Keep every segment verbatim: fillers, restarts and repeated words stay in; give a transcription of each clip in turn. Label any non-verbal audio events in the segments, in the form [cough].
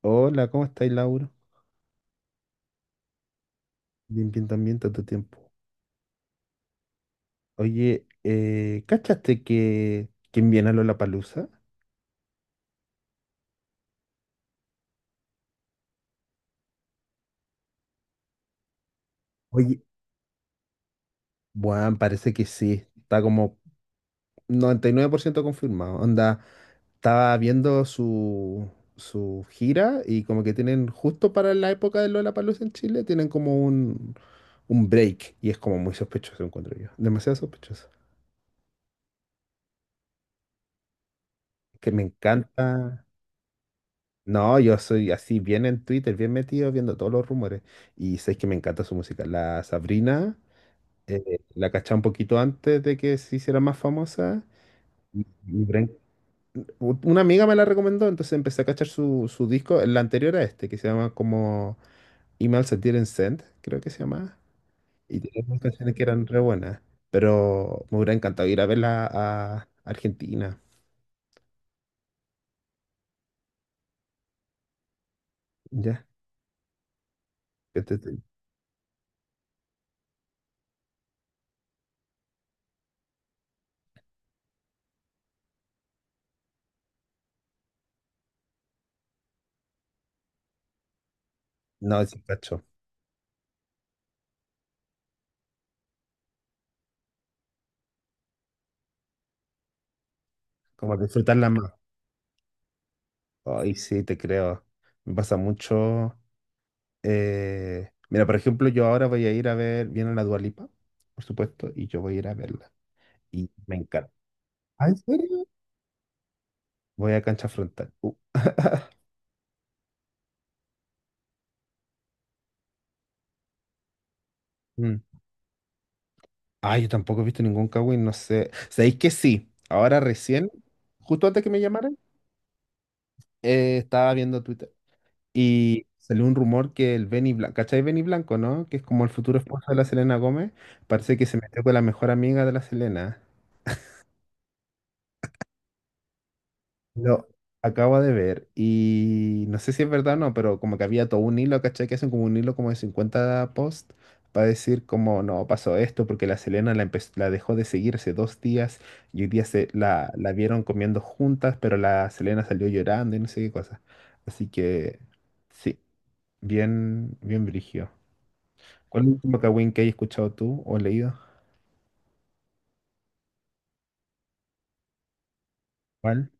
Hola, ¿cómo estáis, Lauro? Bien, bien, también, tanto tiempo. Oye, eh, ¿cachaste que quién viene a Lollapalooza? Oye, bueno, parece que sí. Está como noventa y nueve por ciento confirmado. Onda, estaba viendo su, su gira y como que tienen justo para la época de Lollapalooza en Chile, tienen como un, un break y es como muy sospechoso, encuentro yo. Demasiado sospechoso. Que me encanta. No, yo soy así bien en Twitter, bien metido, viendo todos los rumores. Y sé que me encanta su música. La Sabrina, eh, la caché un poquito antes de que se hiciera más famosa. Y- y Bren- u- Una amiga me la recomendó, entonces empecé a cachar su, su disco, el anterior a este, que se llama como Email Sentir and Send, creo que se llama. Y tenía unas canciones que eran re buenas. Pero me hubiera encantado ir a verla a Argentina. Ya. Este- este- No, es cacho. Como disfrutarla más. Ay, sí, te creo. Me pasa mucho. eh, Mira, por ejemplo, yo ahora voy a ir a ver, viene la Dua Lipa, por supuesto, y yo voy a ir a verla. Y me encanta. ¿Ah, en serio? Voy a Cancha Frontal. Uh, [laughs] mm. Ah, yo tampoco he visto ningún Kawin, no sé. ¿Sabéis que sí? Ahora recién, justo antes que me llamaran, eh, estaba viendo Twitter y salió un rumor que el Benny Blanco, ¿cachai Benny Blanco, no? Que es como el futuro esposo de la Selena Gómez. Parece que se metió con la mejor amiga de la Selena. Lo acabo de ver y no sé si es verdad o no, pero como que había todo un hilo, ¿cachai? Que hacen como un hilo como de cincuenta posts para decir como no pasó esto porque la Selena la, empe- la dejó de seguir hace dos días y hoy día se la, la vieron comiendo juntas, pero la Selena salió llorando y no sé qué cosa. Así que sí, bien, bien brígido. ¿Cuál es el último Kawin que hayas escuchado tú o leído? ¿Cuál?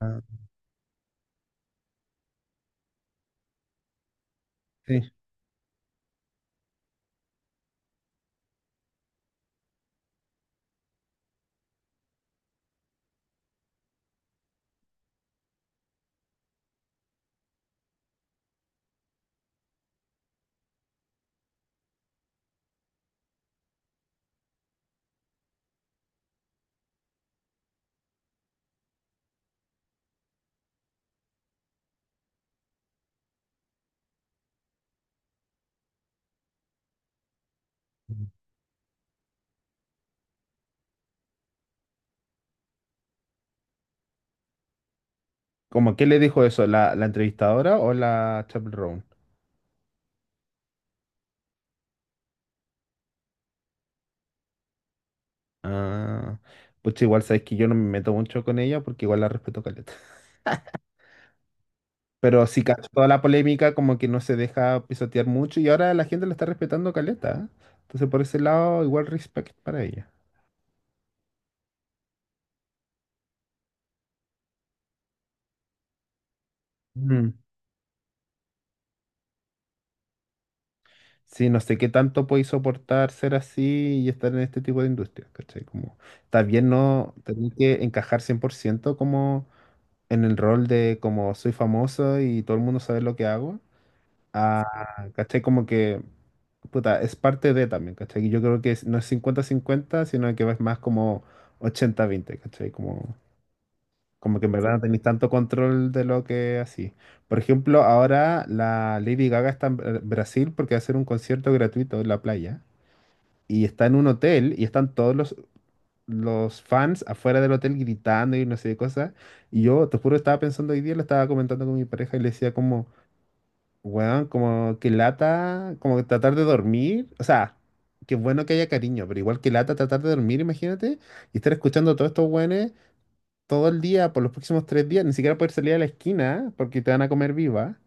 Ah, sí. ¿Cómo qué le dijo eso? ¿La, la entrevistadora o la Chappell? Ah, pues igual sabes que yo no me meto mucho con ella porque igual la respeto caleta. Pero sí, cacho, toda la polémica como que no se deja pisotear mucho y ahora la gente la está respetando caleta, ¿eh? Entonces por ese lado igual respect para ella. Mm. Sí, no sé qué tanto podéis soportar ser así y estar en este tipo de industria, ¿cachai? Como también no tener que encajar cien por ciento como en el rol de como soy famoso y todo el mundo sabe lo que hago. Ah, ¿cachai? Como que, puta, es parte de también, ¿cachai? Y yo creo que es- no es cincuenta cincuenta sino que es más como ochenta a veinte, ¿cachai? Como, como que en verdad no tenéis tanto control de lo que así. Por ejemplo, ahora la Lady Gaga está en Bra- Brasil porque va a hacer un concierto gratuito en la playa. Y está en un hotel y están todos los, los fans afuera del hotel gritando y no sé qué cosas. Y yo, te juro, estaba pensando hoy día, lo estaba comentando con mi pareja y le decía como... Weón, como que lata, como que tratar de dormir. O sea, qué bueno que haya cariño, pero igual que lata tratar de dormir, imagínate, y estar escuchando a todos estos weones todo el día, por los próximos tres días, ni siquiera poder salir a la esquina porque te van a comer viva.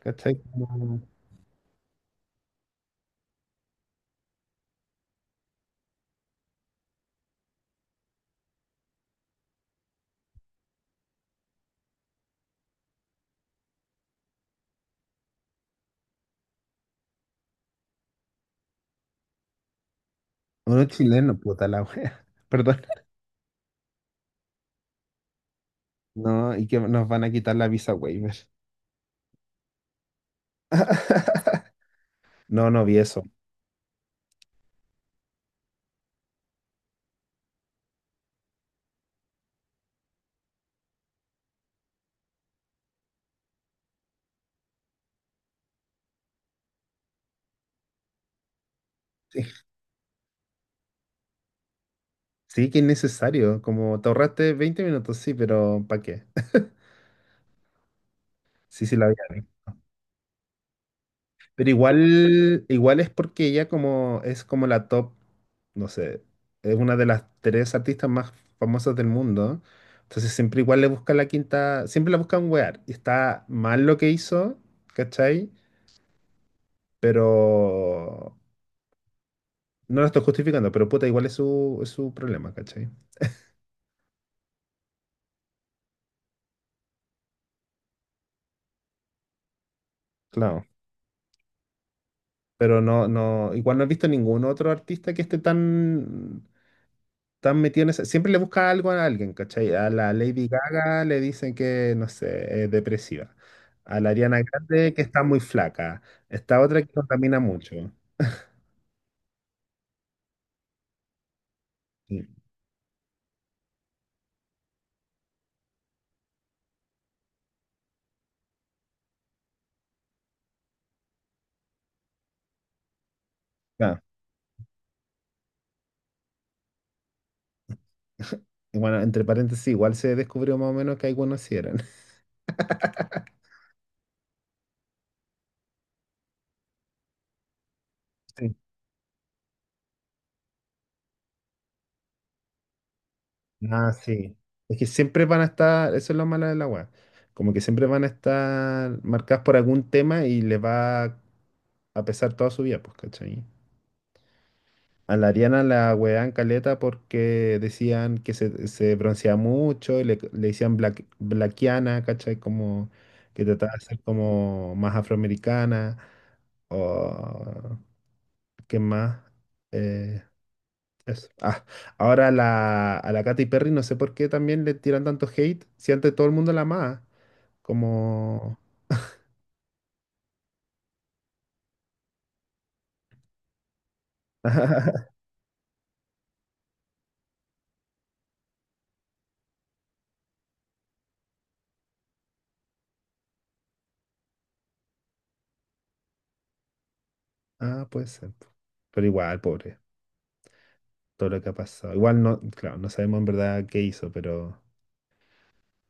¿Cachai? Como Uno chileno, puta la wea. [laughs] Perdón. No, y que nos van a quitar la visa waiver. [laughs] No, no vi eso. Sí, sí que es necesario. Como te ahorraste veinte minutos, sí, ¿pero para qué? [laughs] Sí, sí, la vi. Pero igual, igual es porque ella como es como la top, no sé, es una de las tres artistas más famosas del mundo. Entonces siempre igual le buscan la quinta, siempre la buscan wear. Y está mal lo que hizo, ¿cachai? Pero no lo estoy justificando, pero puta, igual es su, es su problema, ¿cachai? Claro. Pero no, no, igual no he visto ningún otro artista que esté tan están metidos en esa- Siempre le busca algo a alguien, ¿cachai? A la Lady Gaga le dicen que, no sé, es depresiva. A la Ariana Grande que está muy flaca. Esta otra que contamina mucho. Sí. Ah, y bueno, entre paréntesis, igual se descubrió más o menos que algunos sí eran. [laughs] Sí. Ah, sí. Es que siempre van a estar, eso es lo malo del agua, como que siempre van a estar marcadas por algún tema y les va a pesar toda su vida, pues, ¿cachai? A la Ariana la hueveaban caleta porque decían que se, se bronceaba mucho y le, le decían black, blackiana, ¿cachai? Como que trataba de ser como más afroamericana o qué más. Eh, eso. Ah, ahora la, a la Katy Perry no sé por qué también le tiran tanto hate si antes todo el mundo la amaba. Como... [laughs] Ah, puede ser. Pero igual, pobre, todo lo que ha pasado. Igual no, claro, no sabemos en verdad qué hizo, pero...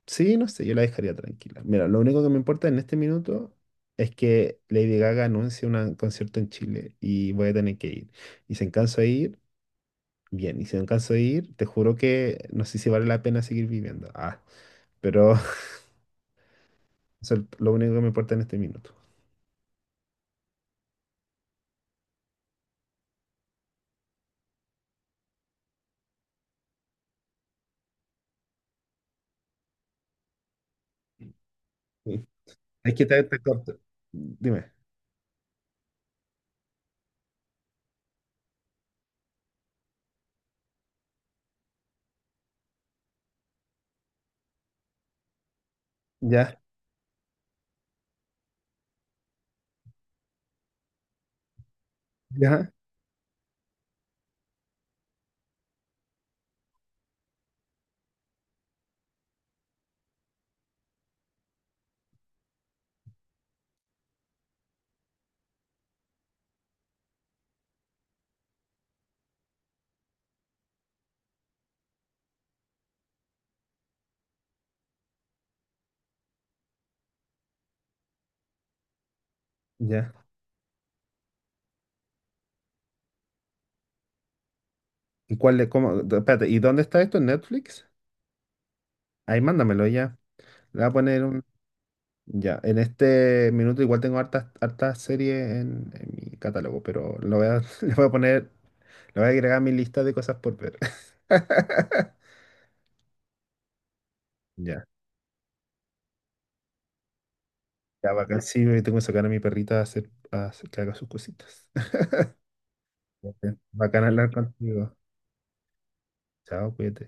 Sí, no sé, yo la dejaría tranquila. Mira, lo único que me importa en este minuto es que Lady Gaga anuncie un concierto en Chile y voy a tener que ir. Y si canso de ir, bien. Y si no canso de ir, te juro que no sé si vale la pena seguir viviendo. Ah, pero [laughs] eso es lo único que me importa en este minuto. Sí. Es que te, te corto. Dime. Ya, ya, ya. ¿Y cuál de, cómo? Espérate, ¿y dónde está esto? ¿En Netflix? Ahí mándamelo ya. Le voy a poner un Ya, en este minuto igual tengo hartas, hartas series en, en mi catálogo, pero lo voy a, [laughs] le voy a poner, lo voy a agregar a mi lista de cosas por ver. [laughs] Ya, ya bacán. Sí, me tengo que sacar a mi perrita a hacer, a hacer que haga sus cositas. [laughs] Ya, bacán hablar contigo. Chao, cuídate.